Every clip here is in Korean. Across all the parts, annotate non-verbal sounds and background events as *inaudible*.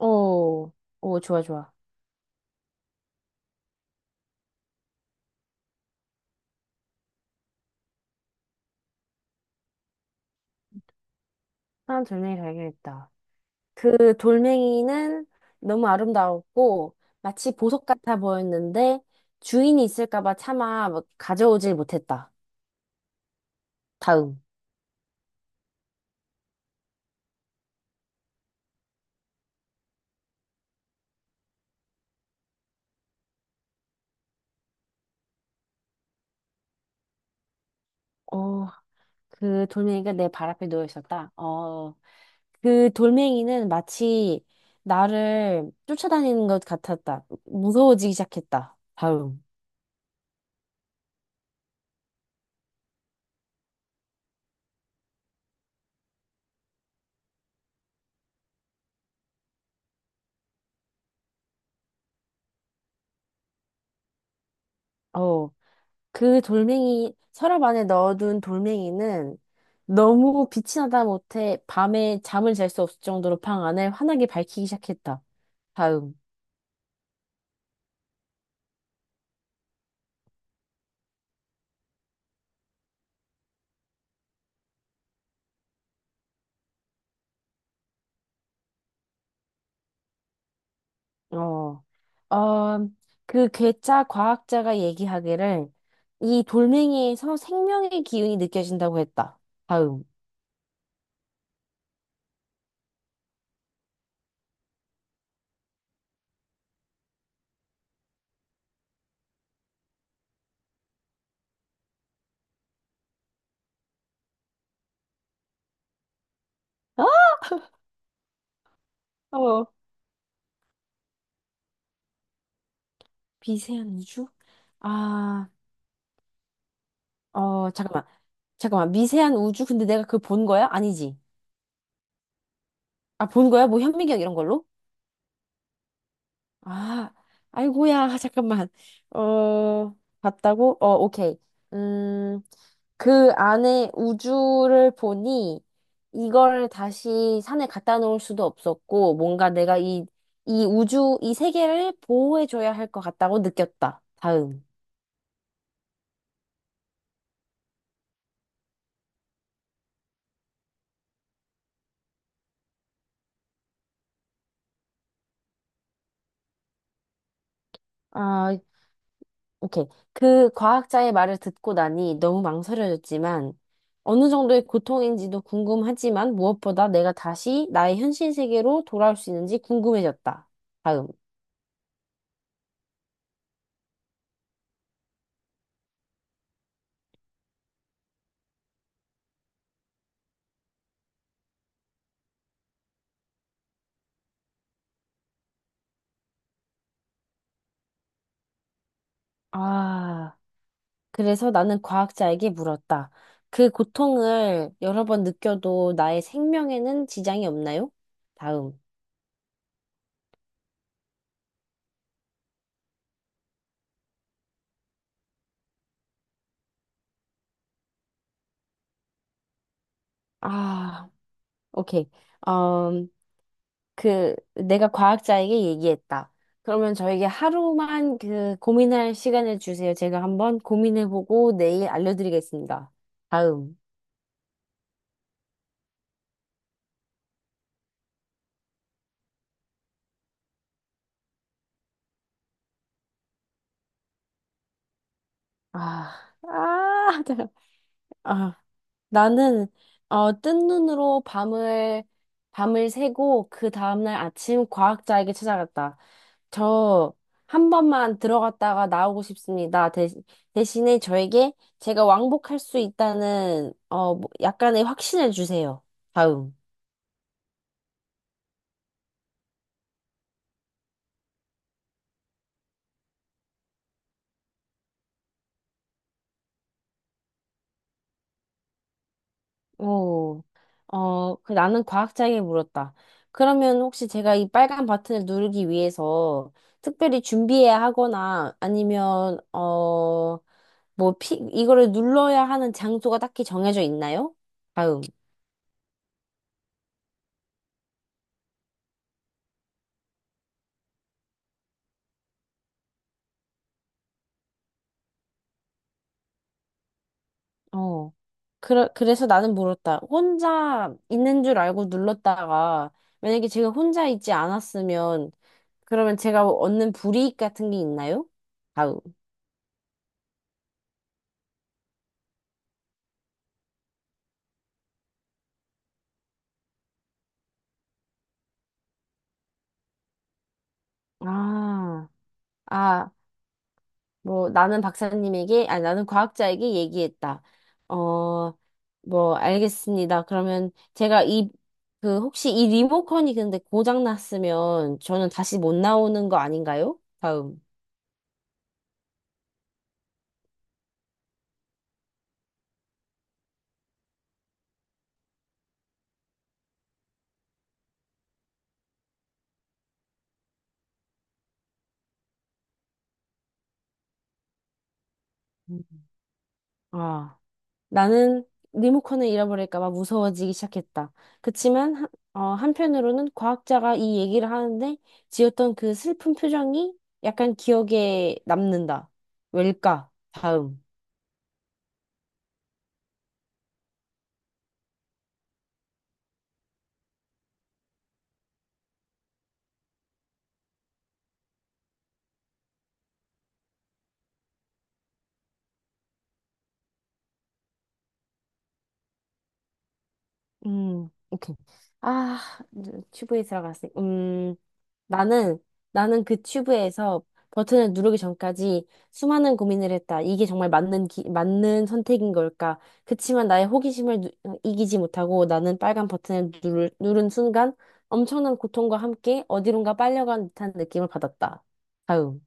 오, 오, 좋아, 좋아. 사람 돌멩이 발견했다. 그 돌멩이는 너무 아름다웠고, 마치 보석 같아 보였는데, 주인이 있을까봐 차마 뭐 가져오질 못했다. 다음. 어, 그 돌멩이가 내 발 앞에 놓여 있었다. 그 돌멩이는 마치 나를 쫓아다니는 것 같았다. 무서워지기 시작했다. 다음. 어. 그 돌멩이, 서랍 안에 넣어둔 돌멩이는 너무 빛이 나다 못해 밤에 잠을 잘 수 없을 정도로 방 안을 환하게 밝히기 시작했다. 다음. 어, 어, 그 괴짜 과학자가 얘기하기를 이 돌멩이에서 생명의 기운이 느껴진다고 했다. 다음. 어? 어, 미세한 우주? 아, 잠깐만. 잠깐만. 미세한 우주? 근데 내가 그 본 거야? 아니지. 아, 본 거야? 뭐 현미경 이런 걸로? 아, 아이고야, *laughs* 잠깐만. 어, 봤다고? 어, 오케이. 음, 그 안에 우주를 보니 이걸 다시 산에 갖다 놓을 수도 없었고, 뭔가 내가 이 우주, 이 세계를 보호해줘야 할 것 같다고 느꼈다. 다음. 아, 오케이. 그 과학자의 말을 듣고 나니 너무 망설여졌지만 어느 정도의 고통인지도 궁금하지만 무엇보다 내가 다시 나의 현실 세계로 돌아올 수 있는지 궁금해졌다. 다음. 아, 그래서 나는 과학자에게 물었다. 그 고통을 여러 번 느껴도 나의 생명에는 지장이 없나요? 다음. 아, 오케이. 음, 그 내가 과학자에게 얘기했다. 그러면 저에게 하루만 그 고민할 시간을 주세요. 제가 한번 고민해보고 내일 알려드리겠습니다. 다음. 아, 아, *laughs* 아. 나는 뜬 눈으로 밤을 새고 그 다음날 아침 과학자에게 찾아갔다. 저 한 번만 들어갔다가 나오고 싶습니다. 대신에 저에게 제가 왕복할 수 있다는 뭐, 약간의 확신을 주세요. 다음. 오, 그 나는 과학자에게 물었다. 그러면 혹시 제가 이 빨간 버튼을 누르기 위해서 특별히 준비해야 하거나 아니면, 뭐, 이거를 눌러야 하는 장소가 딱히 정해져 있나요? 다음. 어. 그래, 그래서 나는 물었다. 혼자 있는 줄 알고 눌렀다가 만약에 제가 혼자 있지 않았으면 그러면 제가 얻는 불이익 같은 게 있나요? 다음. 아, 아, 뭐 나는 박사님에게 아니 나는 과학자에게 얘기했다. 어, 뭐 알겠습니다. 그러면 제가 이 그 혹시 이 리모컨이 근데 고장 났으면 저는 다시 못 나오는 거 아닌가요? 다음. 음. 아, 나는 리모컨을 잃어버릴까 봐 무서워지기 시작했다. 그치만 한편으로는 과학자가 이 얘기를 하는데 지었던 그 슬픈 표정이 약간 기억에 남는다. 왜일까? 다음. 오케이. 아, 이제 튜브에 들어갔어. 나는, 나는 그 튜브에서 버튼을 누르기 전까지 수많은 고민을 했다. 이게 정말 맞는 선택인 걸까? 그치만 나의 호기심을 이기지 못하고 나는 빨간 버튼을 누른 순간 엄청난 고통과 함께 어디론가 빨려간 듯한 느낌을 받았다. 다음.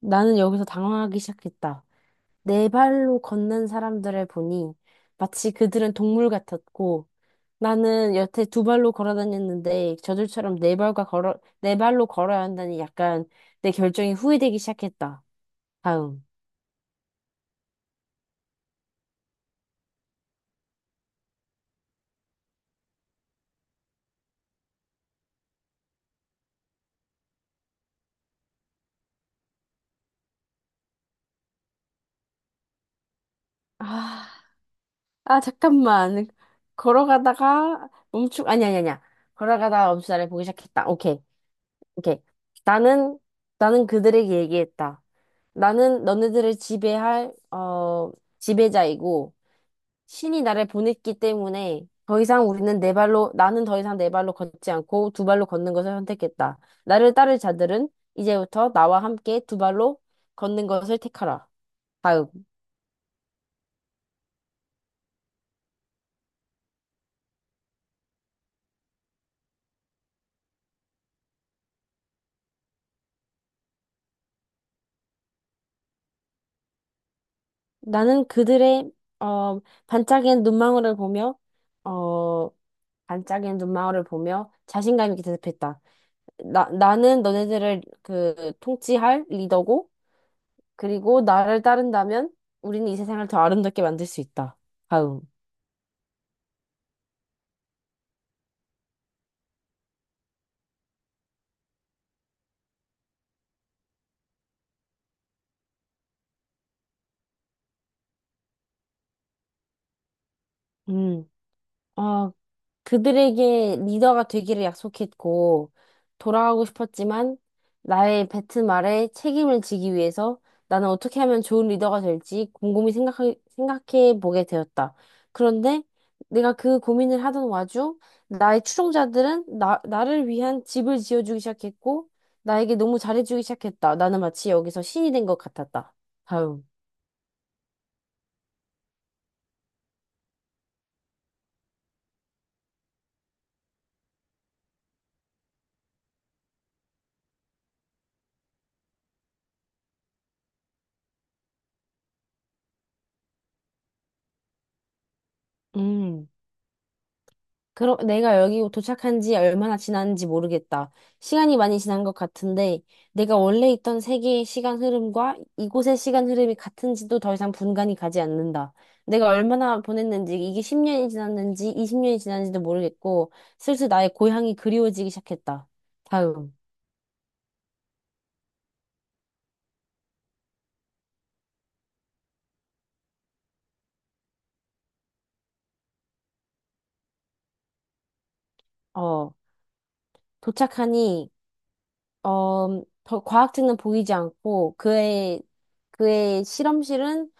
나는 여기서 당황하기 시작했다. 네 발로 걷는 사람들을 보니 마치 그들은 동물 같았고 나는 여태 두 발로 걸어 다녔는데 저들처럼 네 발로 걸어야 한다니 약간 내 결정이 후회되기 시작했다. 다음. 아, 아 잠깐만. 걸어가다가 멈추 아니 아니 아니야. 걸어가다가 멈추다를 보기 시작했다. 오케이. 오케이. 나는 나는 그들에게 얘기했다. 나는 너네들을 지배할 지배자이고 신이 나를 보냈기 때문에 더 이상 우리는 네 발로, 나는 더 이상 네 발로 걷지 않고 두 발로 걷는 것을 선택했다. 나를 따를 자들은 이제부터 나와 함께 두 발로 걷는 것을 택하라. 다음. 나는 그들의, 어, 반짝이는 눈망울을 보며, 어, 반짝이는 눈망울을 보며 자신감 있게 대답했다. 나는 너네들을 그 통치할 리더고, 그리고 나를 따른다면 우리는 이 세상을 더 아름답게 만들 수 있다. 다음. 음. 아, 그들에게 리더가 되기를 약속했고, 돌아가고 싶었지만, 나의 뱉은 말에 책임을 지기 위해서 나는 어떻게 하면 좋은 리더가 될지 곰곰이 생각해 보게 되었다. 그런데 내가 그 고민을 하던 와중, 나의 추종자들은 나를 위한 집을 지어주기 시작했고, 나에게 너무 잘해주기 시작했다. 나는 마치 여기서 신이 된 것 같았다. 다음. 음. 그럼 내가 여기 도착한 지 얼마나 지났는지 모르겠다. 시간이 많이 지난 것 같은데, 내가 원래 있던 세계의 시간 흐름과 이곳의 시간 흐름이 같은지도 더 이상 분간이 가지 않는다. 내가 얼마나 보냈는지, 이게 10년이 지났는지, 20년이 지났는지도 모르겠고, 슬슬 나의 고향이 그리워지기 시작했다. 다음. 어, 도착하니, 더 과학책은 보이지 않고, 그의 실험실은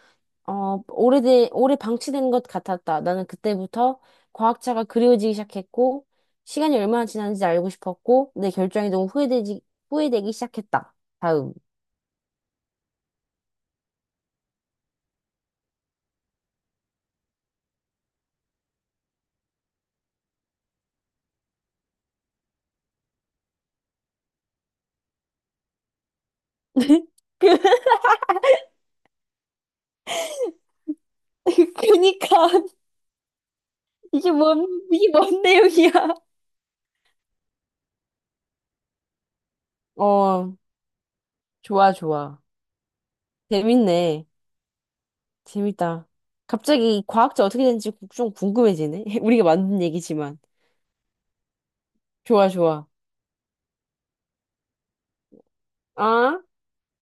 오래 방치된 것 같았다. 나는 그때부터 과학자가 그리워지기 시작했고, 시간이 얼마나 지났는지 알고 싶었고, 내 결정이 너무 후회되기 시작했다. 다음. *laughs* 그, *laughs* 그니까, 이게 뭔, 이게 뭔 내용이야? 어, 좋아, 좋아. 재밌네. 재밌다. 갑자기 이 과학자 어떻게 되는지 좀 궁금해지네. *laughs* 우리가 만든 얘기지만. 좋아, 좋아. 아.